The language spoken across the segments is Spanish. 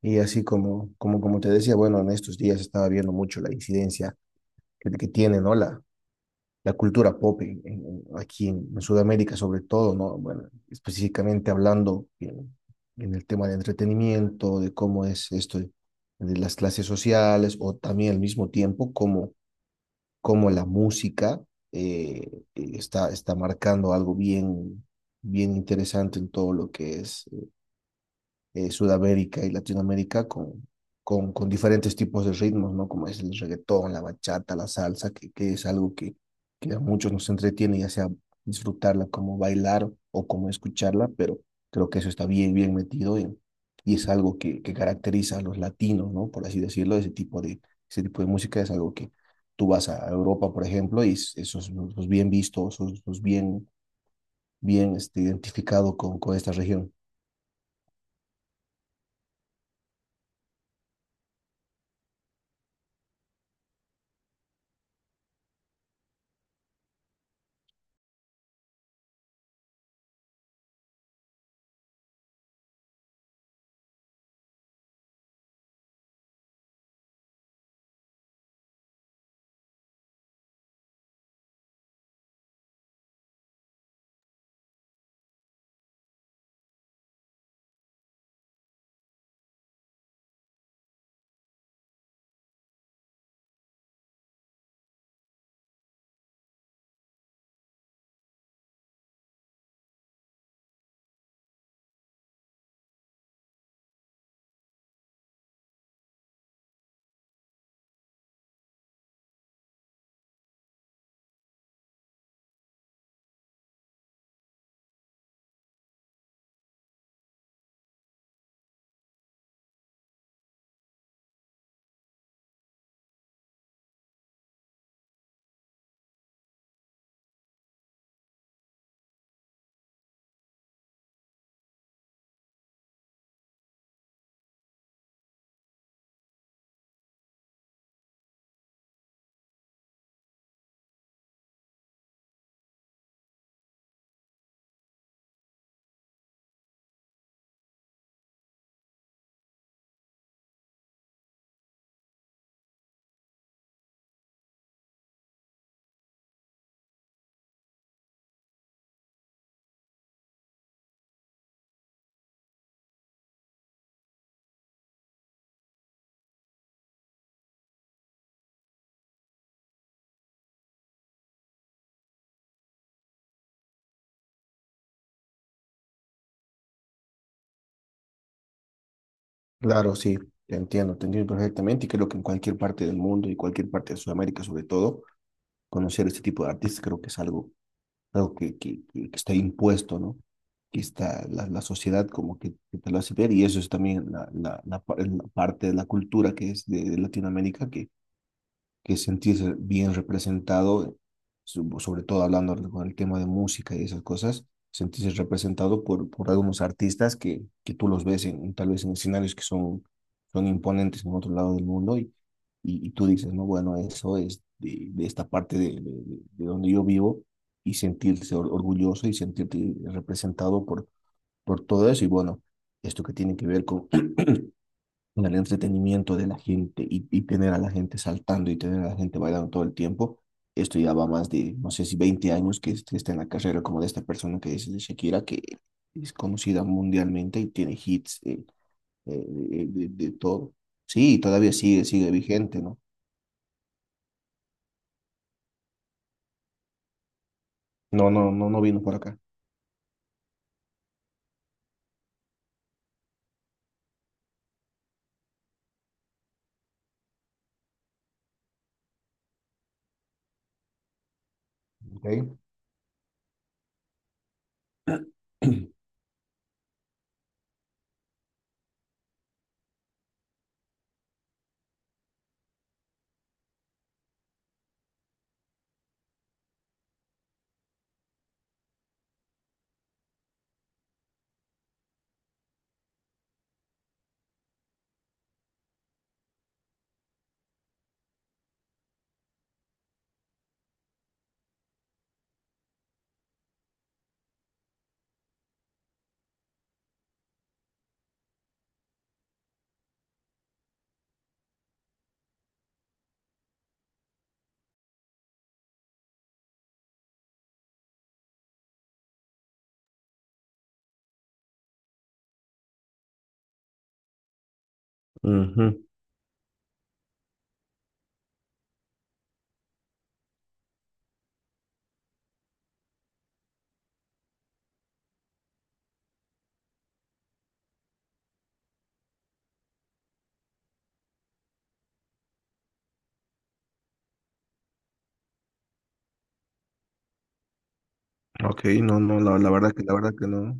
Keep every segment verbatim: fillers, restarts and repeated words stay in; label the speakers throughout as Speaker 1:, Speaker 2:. Speaker 1: Y así como, como, como te decía, bueno, en estos días estaba viendo mucho la incidencia que, que tiene, ¿no? La, la cultura pop en- en- aquí en, en Sudamérica, sobre todo, ¿no? Bueno, específicamente hablando en, en el tema de entretenimiento, de cómo es esto de las clases sociales, o también al mismo tiempo cómo, cómo la música eh, está, está marcando algo bien, bien interesante en todo lo que es eh, Sudamérica y Latinoamérica con, con, con diferentes tipos de ritmos, ¿no? Como es el reggaetón, la bachata, la salsa, que, que es algo que, que a muchos nos entretiene, ya sea disfrutarla como bailar o como escucharla, pero creo que eso está bien, bien metido en, y es algo que, que caracteriza a los latinos, ¿no? Por así decirlo, ese tipo de, ese tipo de música es algo que tú vas a Europa, por ejemplo, y es- eso es, eso es bien visto, eso es eso es bien, bien este, identificado con, con esta región. Claro, sí, te entiendo, te entiendo perfectamente y creo que en cualquier parte del mundo y cualquier parte de Sudamérica sobre todo, conocer este tipo de artistas creo que es algo, algo que, que, que- que está impuesto, ¿no? Que está la, la sociedad como que, que te lo hace ver y eso es también la, la, la, pa- la parte de la cultura que es de, de Latinoamérica que sentirse bien representado, so- sobre todo hablando con el tema de música y esas cosas, sentirse representado por, por algunos artistas que, que tú los ves en, tal vez en escenarios que son, son imponentes en otro lado del mundo y, y, y tú dices, no, bueno, eso es de, de esta parte de, de, de- de donde yo vivo y sentirse or- orgulloso y sentirte representado por, por todo eso y bueno, esto que tiene que ver con en el entretenimiento de la gente y, y tener a la gente saltando y tener a la gente bailando todo el tiempo. Esto ya va más de, no sé si veinte años que este- está en la carrera como de esta persona que es de Shakira, que es conocida mundialmente y tiene hits eh, eh, de, de- de todo. Sí, todavía sigue, sigue vigente, ¿no? No, no, no, no vino por acá. Okay. Ujú. Ok, no, no, la, la verdad que, la verdad que no.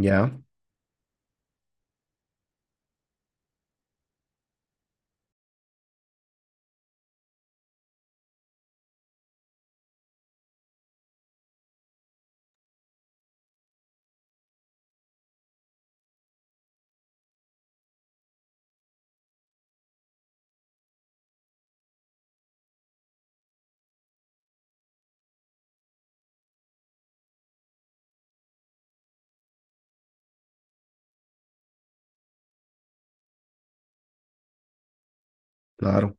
Speaker 1: Ya, claro,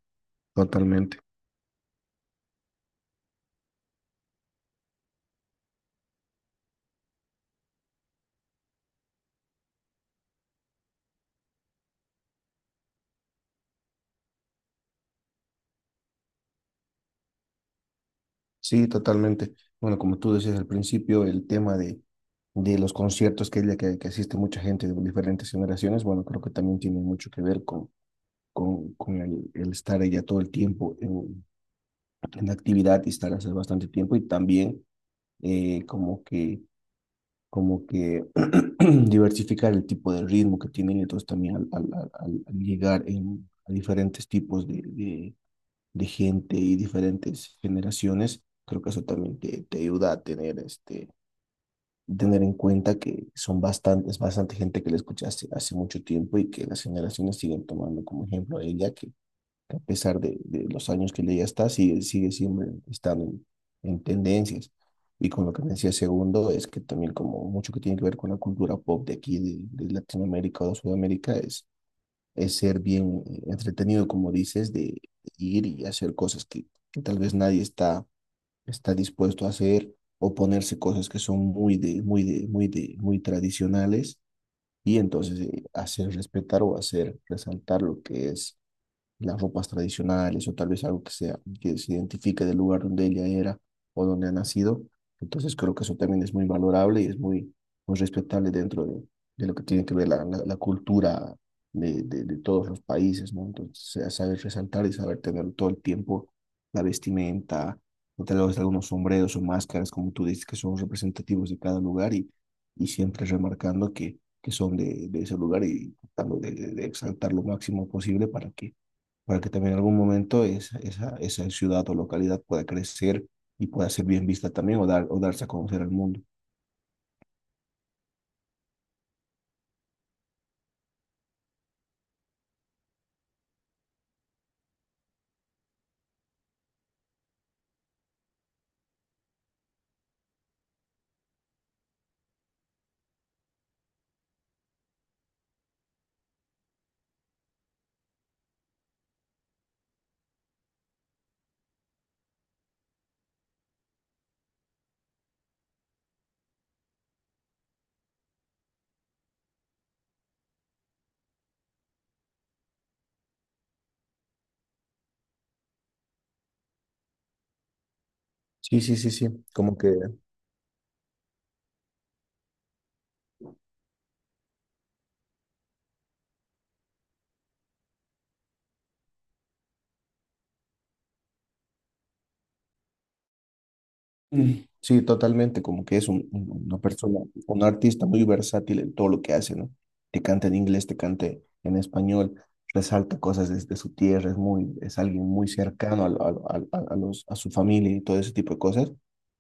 Speaker 1: totalmente. Sí, totalmente. Bueno, como tú decías al principio, el tema de, de los conciertos que, que, que asiste mucha gente de diferentes generaciones, bueno, creo que también tiene mucho que ver con, con, con el, el estar ella todo el tiempo en, en actividad y estar hace bastante tiempo y también eh, como que, como que diversificar el tipo de ritmo que tienen, entonces también al, al, al, al- al llegar en, a diferentes tipos de, de gente y diferentes generaciones, creo que eso también te, te ayuda a tener, este, tener en cuenta que son bastantes, bastante gente que la escucha hace, hace mucho tiempo y que las generaciones siguen tomando como ejemplo a ella, que, que a pesar de, de los años que ella ya está, sigue, sigue siempre estando en, en tendencias. Y con lo que me decía segundo, es que también como mucho que tiene que ver con la cultura pop de aquí, de, de Latinoamérica o de Sudamérica, es es ser bien eh, entretenido, como dices, de ir y hacer cosas que, que tal vez nadie está, está dispuesto a hacer o ponerse cosas que son muy de, muy de, muy de, muy tradicionales y entonces eh, hacer respetar o hacer resaltar lo que es las ropas tradicionales o tal vez algo que sea, que se identifique del lugar donde ella era o donde ha nacido. Entonces creo que eso también es muy valorable y es muy, muy respetable dentro de, de lo que tiene que ver la, la, la cultura de, de, de todos los países, ¿no? Entonces, sea saber resaltar y saber tener todo el tiempo la vestimenta, o tal vez algunos sombreros o máscaras, como tú dices, que son representativos de cada lugar y, y siempre remarcando que, que son de, de ese lugar y tratando de de- de exaltar lo máximo posible para que para que también en algún momento esa, esa, esa ciudad o localidad pueda crecer y pueda ser bien vista también o, dar, o darse a conocer al mundo. Sí, sí, sí, sí, como que. Mm. Sí, totalmente, como que es un- un- una persona, un artista muy versátil en todo lo que hace, ¿no? Te canta en inglés, te cante en español, resalta cosas desde su tierra, es muy, es alguien muy cercano a, lo- a lo- a- a los, a su familia y todo ese tipo de cosas.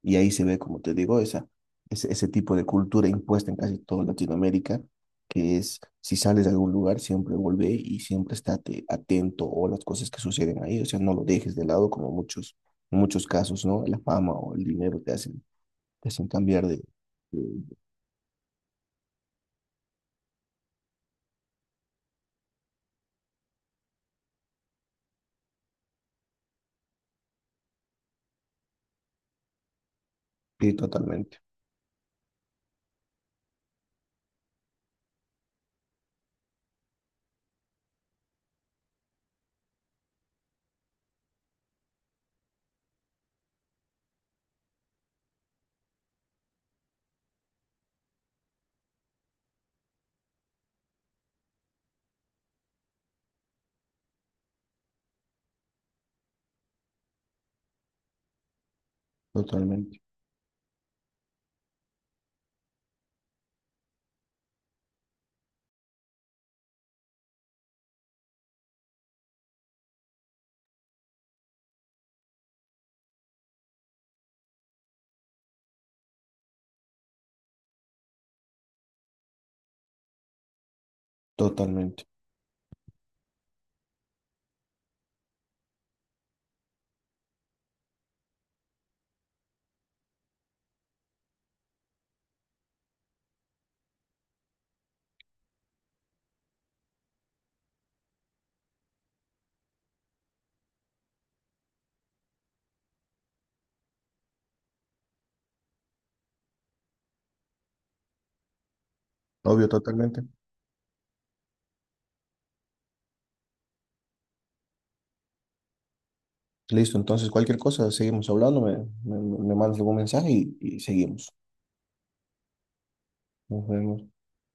Speaker 1: Y ahí se ve, como te digo, esa, ese, ese tipo de cultura impuesta en casi toda Latinoamérica, que es, si sales de algún lugar, siempre vuelve y siempre estate atento o las cosas que suceden ahí, o sea, no lo dejes de lado como muchos en muchos casos, ¿no? La fama o el dinero te hacen, te hacen cambiar de, de- Sí, totalmente, totalmente, totalmente. Obvio, totalmente. Listo, entonces cualquier cosa, seguimos hablando, me, me, me mandas algún mensaje y, y seguimos. Nos vemos.